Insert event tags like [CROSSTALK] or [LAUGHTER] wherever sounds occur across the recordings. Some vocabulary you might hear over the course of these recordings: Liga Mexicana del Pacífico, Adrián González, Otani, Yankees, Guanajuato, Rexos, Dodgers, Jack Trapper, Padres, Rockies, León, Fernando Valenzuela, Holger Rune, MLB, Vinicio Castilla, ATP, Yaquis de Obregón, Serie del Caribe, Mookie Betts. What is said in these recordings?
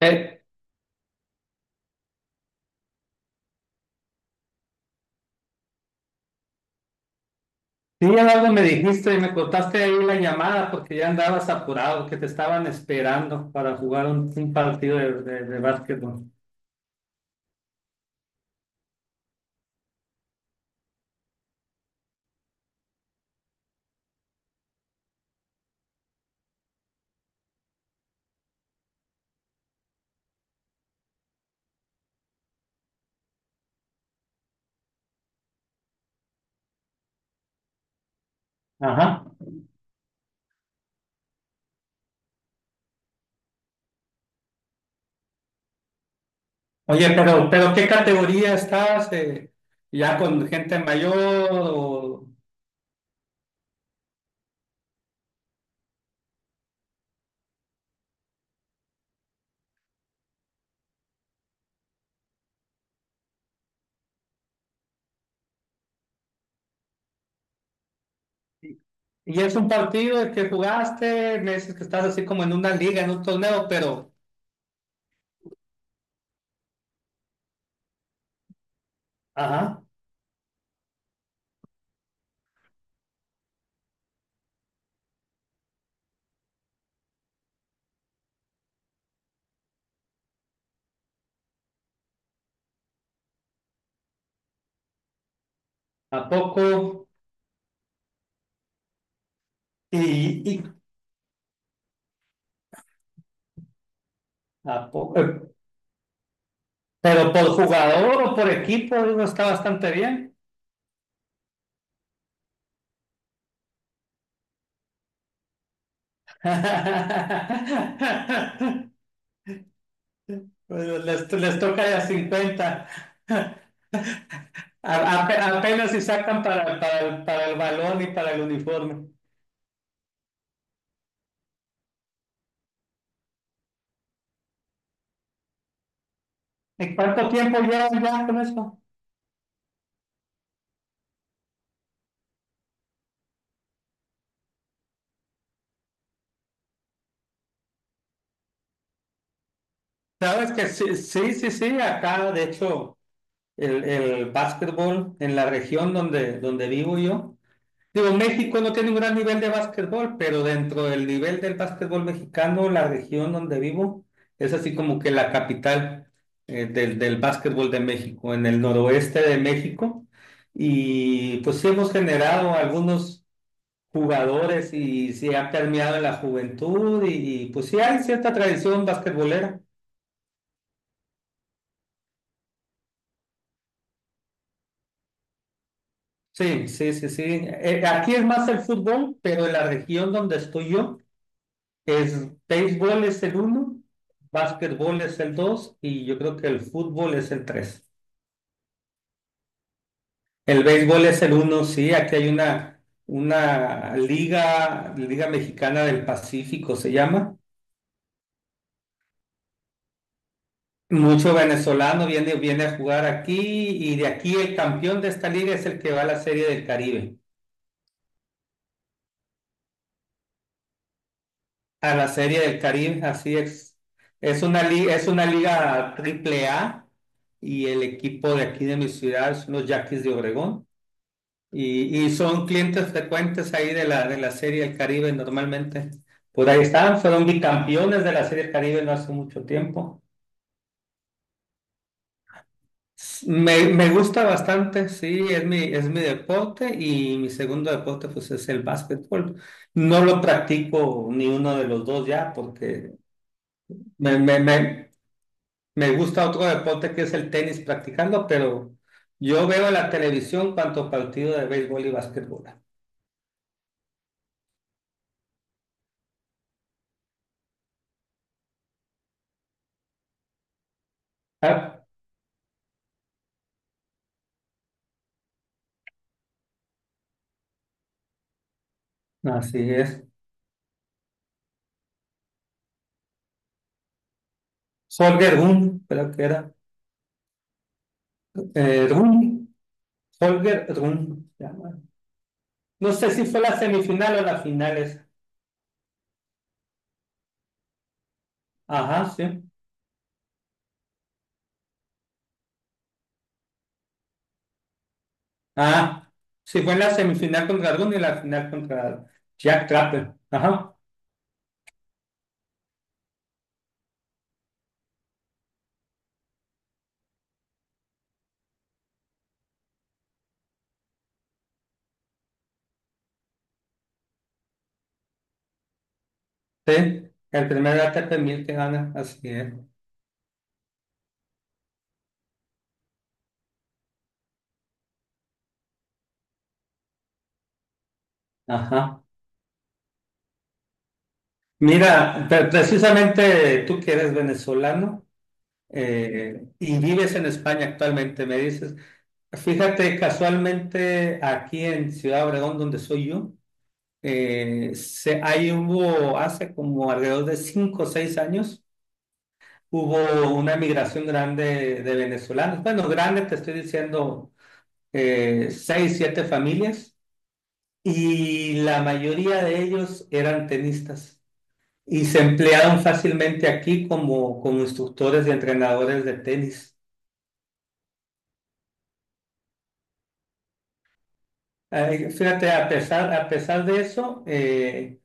Eh, sí, algo me dijiste y me cortaste ahí la llamada porque ya andabas apurado, que te estaban esperando para jugar un partido de básquetbol. Ajá. Oye, pero ¿qué categoría estás, eh? ¿Ya con gente mayor? O... ¿Y y es un partido que jugaste? Me dices que estás así como en una liga, en un torneo, pero... Ajá. ¿A poco? ¿Y a poco, eh? ¿Pero por jugador o por equipo? Digo, está bastante bien. [LAUGHS] Bueno, les toca de 50. Apenas si sacan para el balón y para el uniforme. ¿En cuánto tiempo llevan ya con eso? Sabes que sí, sí, sí, sí, acá de hecho el básquetbol en la región donde vivo yo. Digo, México no tiene un gran nivel de básquetbol, pero dentro del nivel del básquetbol mexicano, la región donde vivo es así como que la capital del básquetbol de México, en el noroeste de México. Y pues sí hemos generado algunos jugadores y se ha permeado en la juventud y pues sí hay cierta tradición basquetbolera. Sí, sí, sí, sí. Aquí es más el fútbol, pero en la región donde estoy yo. Es, Béisbol es el uno, básquetbol es el 2 y yo creo que el fútbol es el 3. El béisbol es el uno, sí, aquí hay una liga, Liga Mexicana del Pacífico se llama. Mucho venezolano viene a jugar aquí y de aquí el campeón de esta liga es el que va a la Serie del Caribe. A la Serie del Caribe, así es. Es una, es una liga triple A y el equipo de aquí de mi ciudad son los Yaquis de Obregón. Y son clientes frecuentes ahí de la Serie del Caribe normalmente. Por ahí están, fueron bicampeones de la Serie del Caribe no hace mucho tiempo. Me gusta bastante, sí, es es mi deporte y mi segundo deporte pues es el básquetbol. No lo practico ni uno de los dos ya porque me, me, me, me gusta otro deporte que es el tenis practicando, pero yo veo en la televisión cuanto partido de béisbol y básquetbol. Ah, así es. Holger Rune, creo que era. Eh, Rune, Holger Rune. No sé si fue la semifinal o la final esa. Ajá, sí. Ah, sí fue en la semifinal contra Rune y la final contra Jack Trapper. Ajá, sí. El primer ATP 1000 que gana, así es. Ajá. Mira, precisamente tú que eres venezolano y vives en España actualmente, me dices, fíjate, casualmente aquí en Ciudad Obregón, donde soy yo. Ahí hubo, hace como alrededor de 5 o 6 años, hubo una migración grande de venezolanos. Bueno, grande, te estoy diciendo, 6, 7 familias, y la mayoría de ellos eran tenistas y se emplearon fácilmente aquí como, como instructores y entrenadores de tenis. Fíjate, a pesar de eso,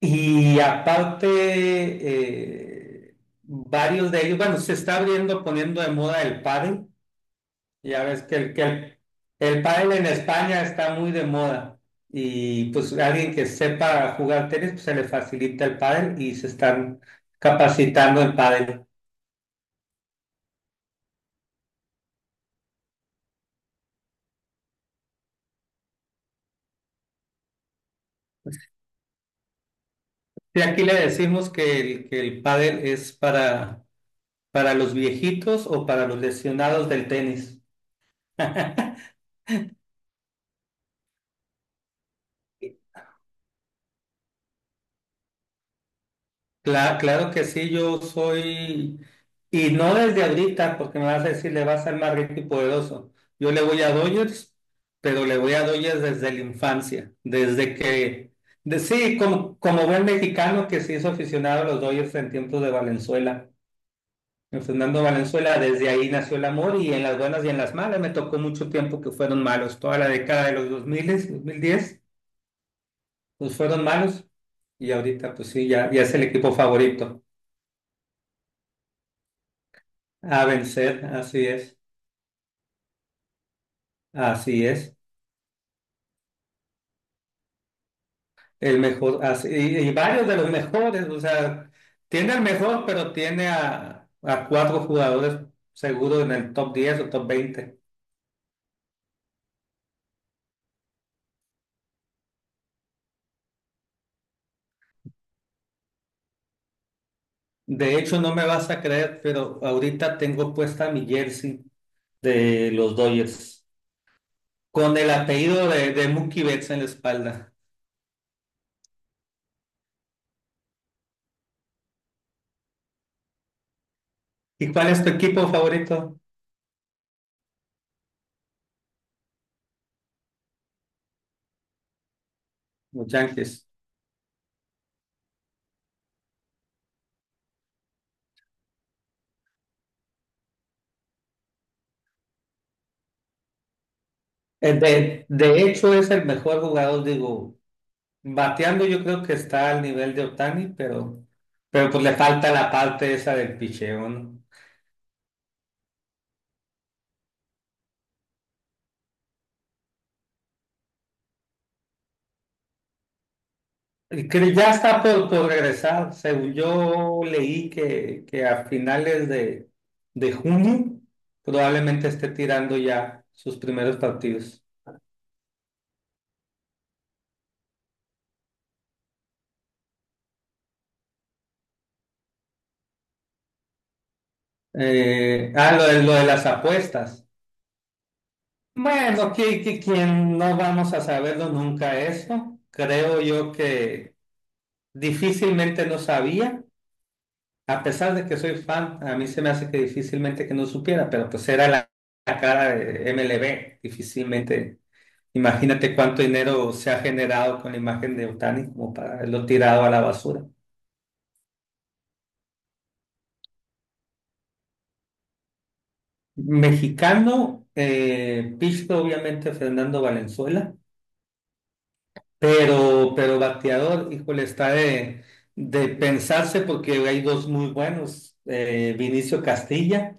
y aparte, varios de ellos, bueno, se está abriendo, poniendo de moda el pádel. Ya ves que el pádel en España está muy de moda. Y pues alguien que sepa jugar tenis, pues se le facilita el pádel y se están capacitando en pádel. Y aquí le decimos que el pádel es para los viejitos o para los lesionados del tenis. [LAUGHS] Claro que sí, y no desde ahorita, porque me vas a decir, le vas a ser más rico y poderoso. Yo le voy a Dodgers, pero le voy a Dodgers desde la infancia, sí, como, como buen mexicano que se hizo aficionado a los Dodgers en tiempos de Valenzuela, en Fernando Valenzuela, desde ahí nació el amor y en las buenas y en las malas, me tocó mucho tiempo que fueron malos, toda la década de los 2010, pues fueron malos y ahorita pues sí, ya es el equipo favorito. A vencer, así es, así es. El mejor, así, y varios de los mejores, o sea, tiene el mejor, pero tiene a cuatro jugadores seguro en el top 10 o top 20. De hecho, no me vas a creer, pero ahorita tengo puesta mi jersey de los Dodgers con el apellido de Mookie Betts en la espalda. ¿Y cuál es tu equipo favorito? Los Yankees. De hecho, es el mejor jugador, digo. Bateando yo creo que está al nivel de Otani, pero pues le falta la parte esa del picheo, ¿no? Y que ya está por regresar. Según yo leí que a finales de junio probablemente esté tirando ya sus primeros partidos. Lo de las apuestas. Bueno, que quien no vamos a saberlo nunca eso. Creo yo que difícilmente no sabía. A pesar de que soy fan, a mí se me hace que difícilmente que no supiera, pero pues era la cara de MLB, difícilmente. Imagínate cuánto dinero se ha generado con la imagen de Otani como para haberlo tirado a la basura. Mexicano, pitcher, obviamente Fernando Valenzuela. Pero bateador, híjole, está de pensarse porque hay dos muy buenos. Vinicio Castilla,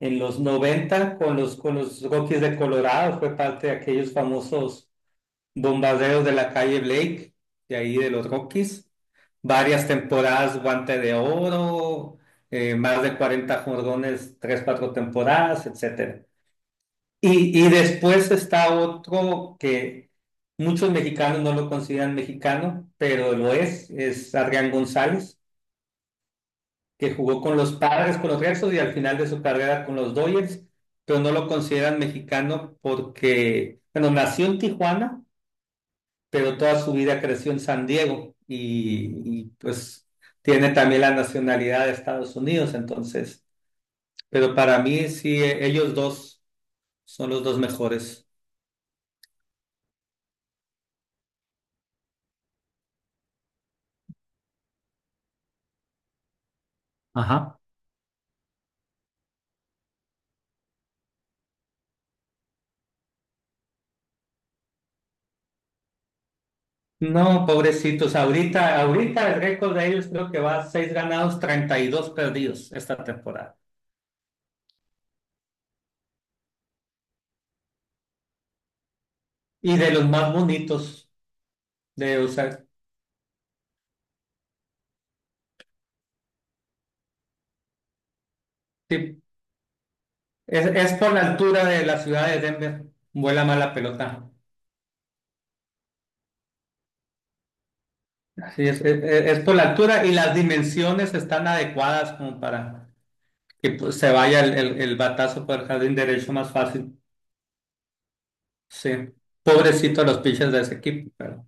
en los 90 con con los Rockies de Colorado, fue parte de aquellos famosos bombarderos de la calle Blake, de ahí de los Rockies. Varias temporadas, guante de oro, más de 40 jordones, 3 4 temporadas, etcétera. Y después está otro que muchos mexicanos no lo consideran mexicano, pero lo es Adrián González, que jugó con los Padres, con los Rexos y al final de su carrera con los Dodgers, pero no lo consideran mexicano porque, bueno, nació en Tijuana, pero toda su vida creció en San Diego y, pues tiene también la nacionalidad de Estados Unidos, entonces, pero para mí sí, ellos dos son los dos mejores. Ajá. No, pobrecitos, ahorita el récord de ellos creo que va a 6 ganados, 32 perdidos esta temporada. Y de los más bonitos de usar. Sí, es por la altura de la ciudad de Denver. Vuela más la pelota. Así es, es por la altura y las dimensiones están adecuadas como para que pues, se vaya el batazo por el jardín derecho más fácil. Sí, pobrecito los pitchers de ese equipo, pero.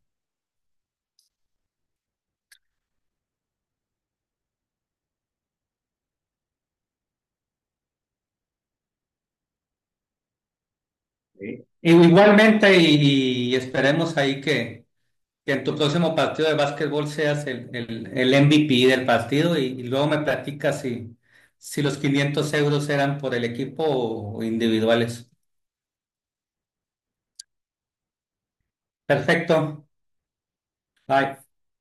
Sí. Y... Igualmente, y esperemos ahí que en tu próximo partido de básquetbol seas el MVP del partido y luego me platicas si, si los 500 euros eran por el equipo o individuales. Perfecto. Bye.